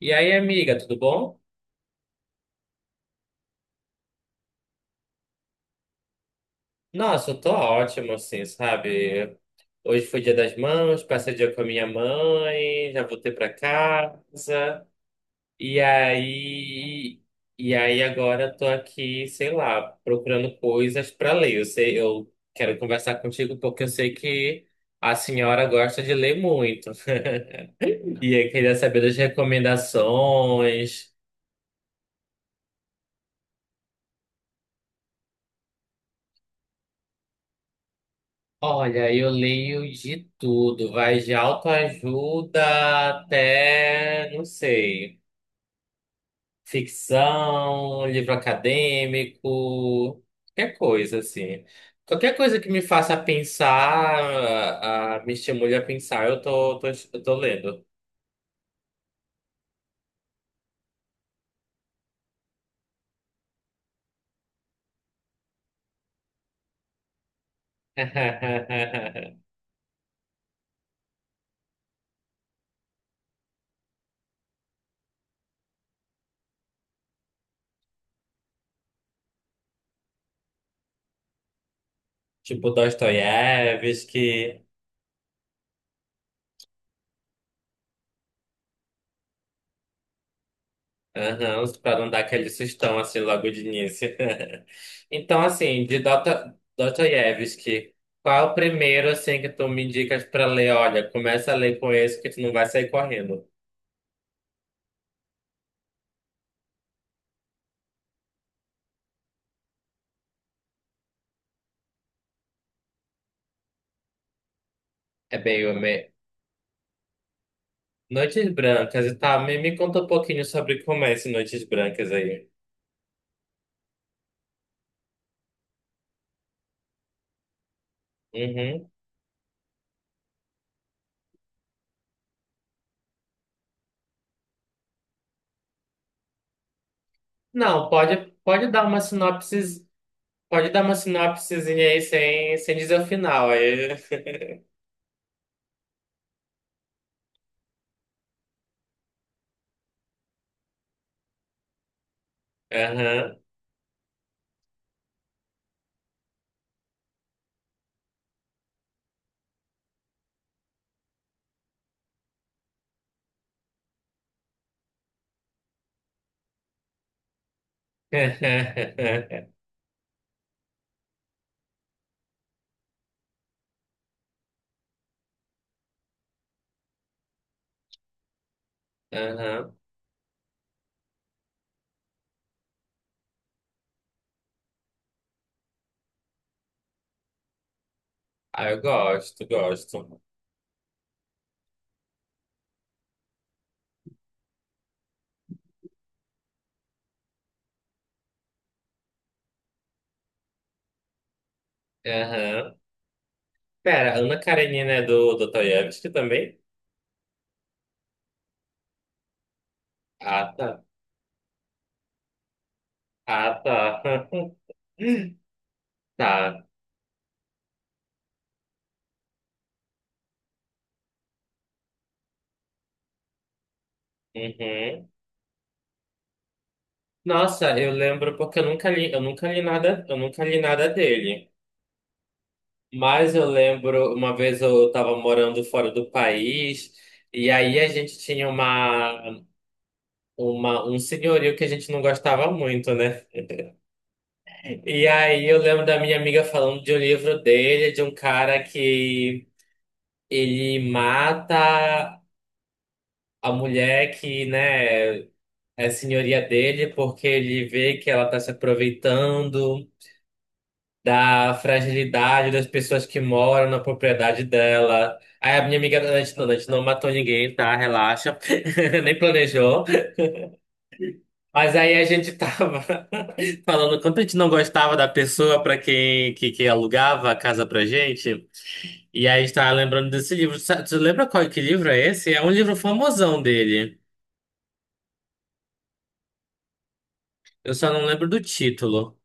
E aí, amiga, tudo bom? Nossa, eu tô ótimo, assim, sabe? Hoje foi dia das mães, passei o dia com a minha mãe, já voltei pra casa. E aí, e aí, agora eu tô aqui, sei lá, procurando coisas pra ler. Eu sei, eu quero conversar contigo porque eu sei que a senhora gosta de ler muito. E eu queria saber das recomendações. Olha, eu leio de tudo, vai de autoajuda até, não sei, ficção, livro acadêmico, qualquer coisa assim. Qualquer coisa que me faça pensar, me estimule a pensar, eu tô lendo. Tipo Dostoiévski, aham, pra não dar aquele sustão assim logo de início. Então, assim, de Dostoiévski, qual é o primeiro, assim, que tu me indicas pra ler? Olha, começa a ler com esse que tu não vai sair correndo. É bem, eu me... Noites Brancas, e tá, me conta um pouquinho sobre como é esse Noites Brancas aí. Uhum. Não, pode dar uma sinopse, pode dar uma sinopsezinha aí sem dizer o final, aí... Aham. Aham. Ah, eu gosto. Aham. Pera, Ana Karenina é do Dostoiévski também? Ah, tá. Ah, tá. Tá. Uhum. Nossa, eu lembro porque eu nunca li nada dele. Mas eu lembro, uma vez eu estava morando fora do país e aí a gente tinha uma um senhorio que a gente não gostava muito, né? E aí eu lembro da minha amiga falando de um livro dele, de um cara que ele mata a mulher que, né? É senhoria dele porque ele vê que ela está se aproveitando da fragilidade das pessoas que moram na propriedade dela. Aí a minha amiga, a gente não matou ninguém, tá? Relaxa. Nem planejou. Mas aí a gente tava falando quanto a gente não gostava da pessoa para que alugava a casa pra gente. E aí a gente tava lembrando desse livro. Tu lembra qual que livro é esse? É um livro famosão dele. Eu só não lembro do título.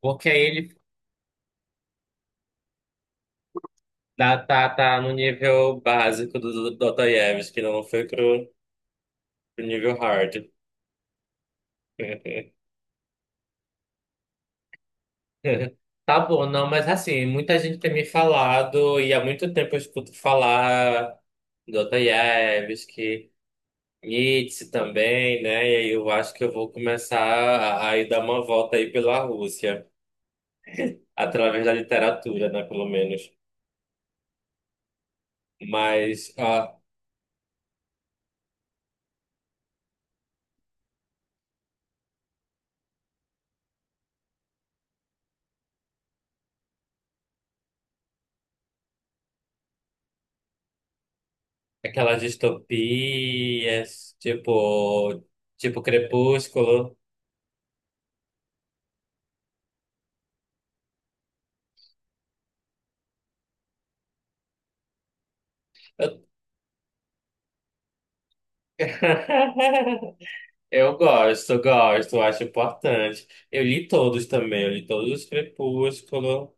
Porque aí ele... Tá no nível básico do Dostoiévski, que não foi pro nível hard. Tá bom, não, mas assim, muita gente tem me falado, e há muito tempo eu escuto falar Dostoiévski, Nietzsche também, né? E aí eu acho que eu vou começar a ir dar uma volta aí pela Rússia, através da literatura, né, pelo menos. Mas ah, aquelas distopias, tipo, tipo Crepúsculo. Eu... Eu gosto, acho importante. Eu li todos também, eu li todos os Crepúsculo.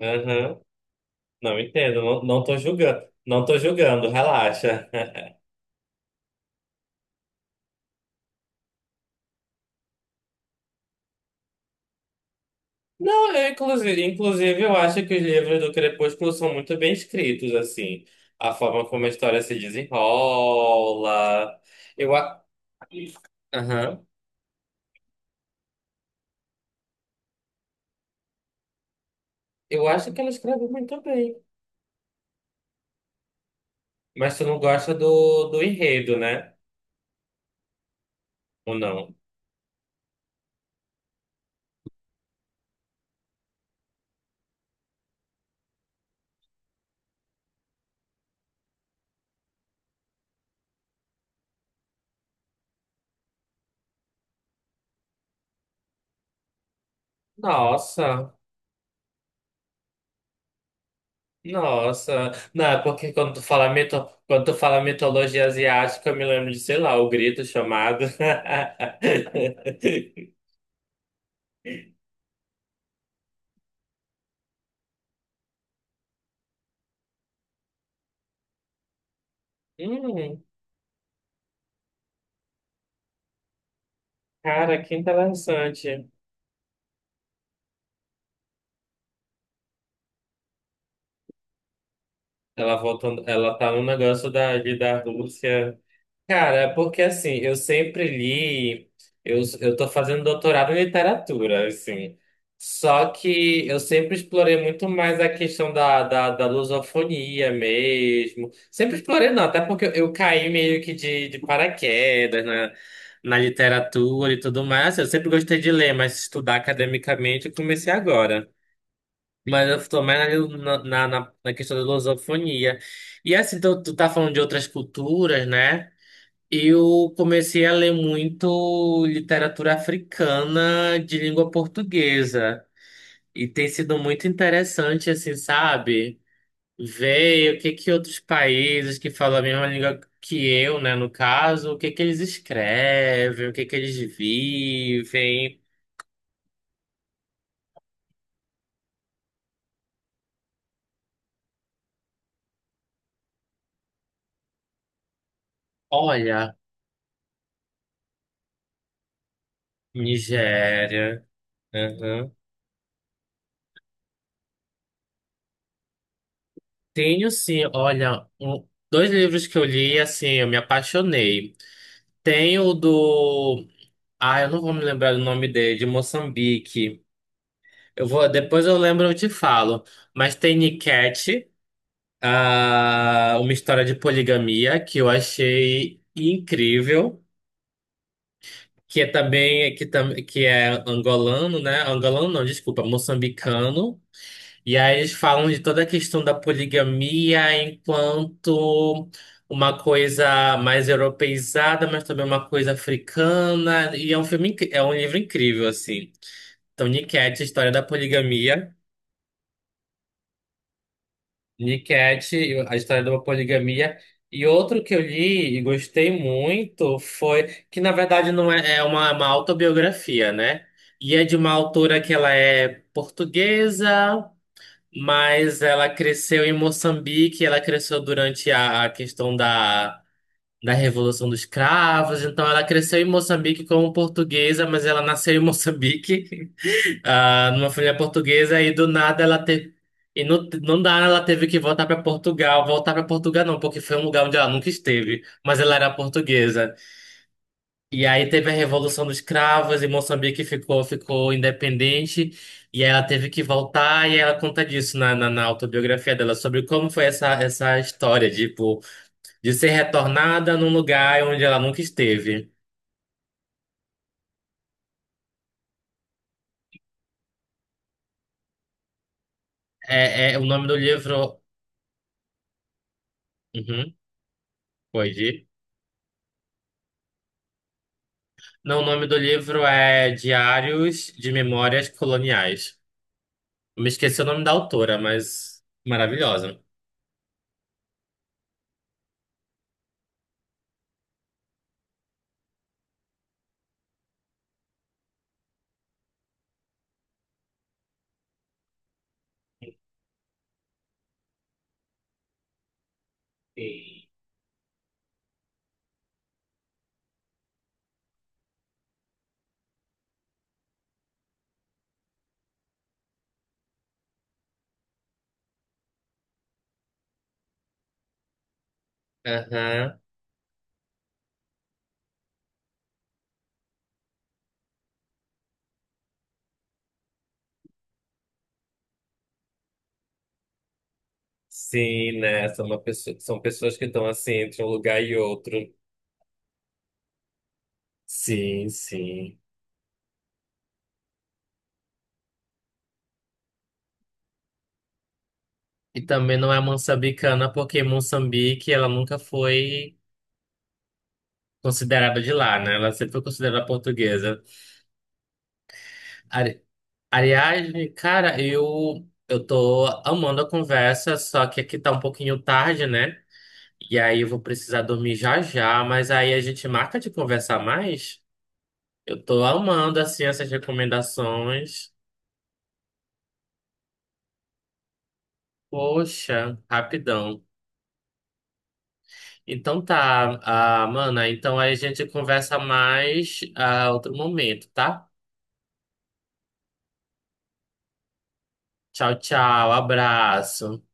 Aham. Não entendo, não, não tô julgando. Não tô julgando, relaxa. Não, eu, inclusive, eu acho que os livros do Crepúsculo são muito bem escritos, assim. A forma como a história se desenrola. Eu, a... Aham. Eu acho que ela escreve muito bem. Mas tu não gosta do enredo, né? Ou não? Nossa. Nossa, não, é porque quando tu fala mito, quando tu fala mitologia asiática, eu me lembro de, sei lá, o grito o chamado. Hum, cara, que interessante. Ela voltando, ela tá no negócio da Rússia. Cara, é porque assim, eu sempre li, eu tô fazendo doutorado em literatura, assim, só que eu sempre explorei muito mais a questão da lusofonia mesmo, sempre explorei não, até porque eu caí meio que de paraquedas na literatura e tudo mais. Assim, eu sempre gostei de ler, mas estudar academicamente eu comecei agora. Mas eu tô mais na questão da lusofonia. E assim, tu tá falando de outras culturas, né? Eu comecei a ler muito literatura africana de língua portuguesa e tem sido muito interessante, assim, sabe? Ver o que que outros países que falam a mesma língua que eu, né, no caso, o que que eles escrevem, o que que eles vivem. Olha, Nigéria. Uhum. Tenho sim, olha, dois livros que eu li, assim, eu me apaixonei. Tem o do... Ah, eu não vou me lembrar do nome dele, de Moçambique. Eu vou, depois eu lembro, eu te falo. Mas tem Niket, ah, uma história de poligamia que eu achei incrível, que é também que é angolano, né? Angolano não, desculpa, moçambicano. E aí eles falam de toda a questão da poligamia enquanto uma coisa mais europeizada, mas também uma coisa africana. E é um filme, é um livro incrível, assim. Então, Niket, a história da poligamia. Niket, a história da poligamia. E outro que eu li e gostei muito foi que, na verdade, não é, é uma autobiografia, né? E é de uma autora que ela é portuguesa, mas ela cresceu em Moçambique, ela cresceu durante a questão da Revolução dos Cravos, então ela cresceu em Moçambique como portuguesa, mas ela nasceu em Moçambique. Ah, numa família portuguesa e do nada ela teve. E no nada ela teve que voltar para Portugal. Voltar para Portugal não, porque foi um lugar onde ela nunca esteve, mas ela era portuguesa. E aí teve a Revolução dos Cravos e Moçambique ficou independente. E aí ela teve que voltar e ela conta disso na autobiografia dela, sobre como foi essa história, tipo, de ser retornada num lugar onde ela nunca esteve. É, é o nome do livro. Uhum, pode ir. Não, o nome do livro é Diários de Memórias Coloniais. Eu me esqueci o nome da autora, mas maravilhosa. Sim. Aham. Sim, né? São, são pessoas que estão assim entre um lugar e outro. Sim, sim. E também não é moçambicana, porque Moçambique ela nunca foi considerada de lá, né? Ela sempre foi considerada portuguesa. Ari- Aliás, cara, eu tô amando a conversa, só que aqui tá um pouquinho tarde, né? E aí eu vou precisar dormir já já, mas aí a gente marca de conversar mais. Eu tô amando assim essas recomendações. Poxa, rapidão. Então tá, ah, mana, então aí a gente conversa mais a outro momento, tá? Tchau, tchau, abraço.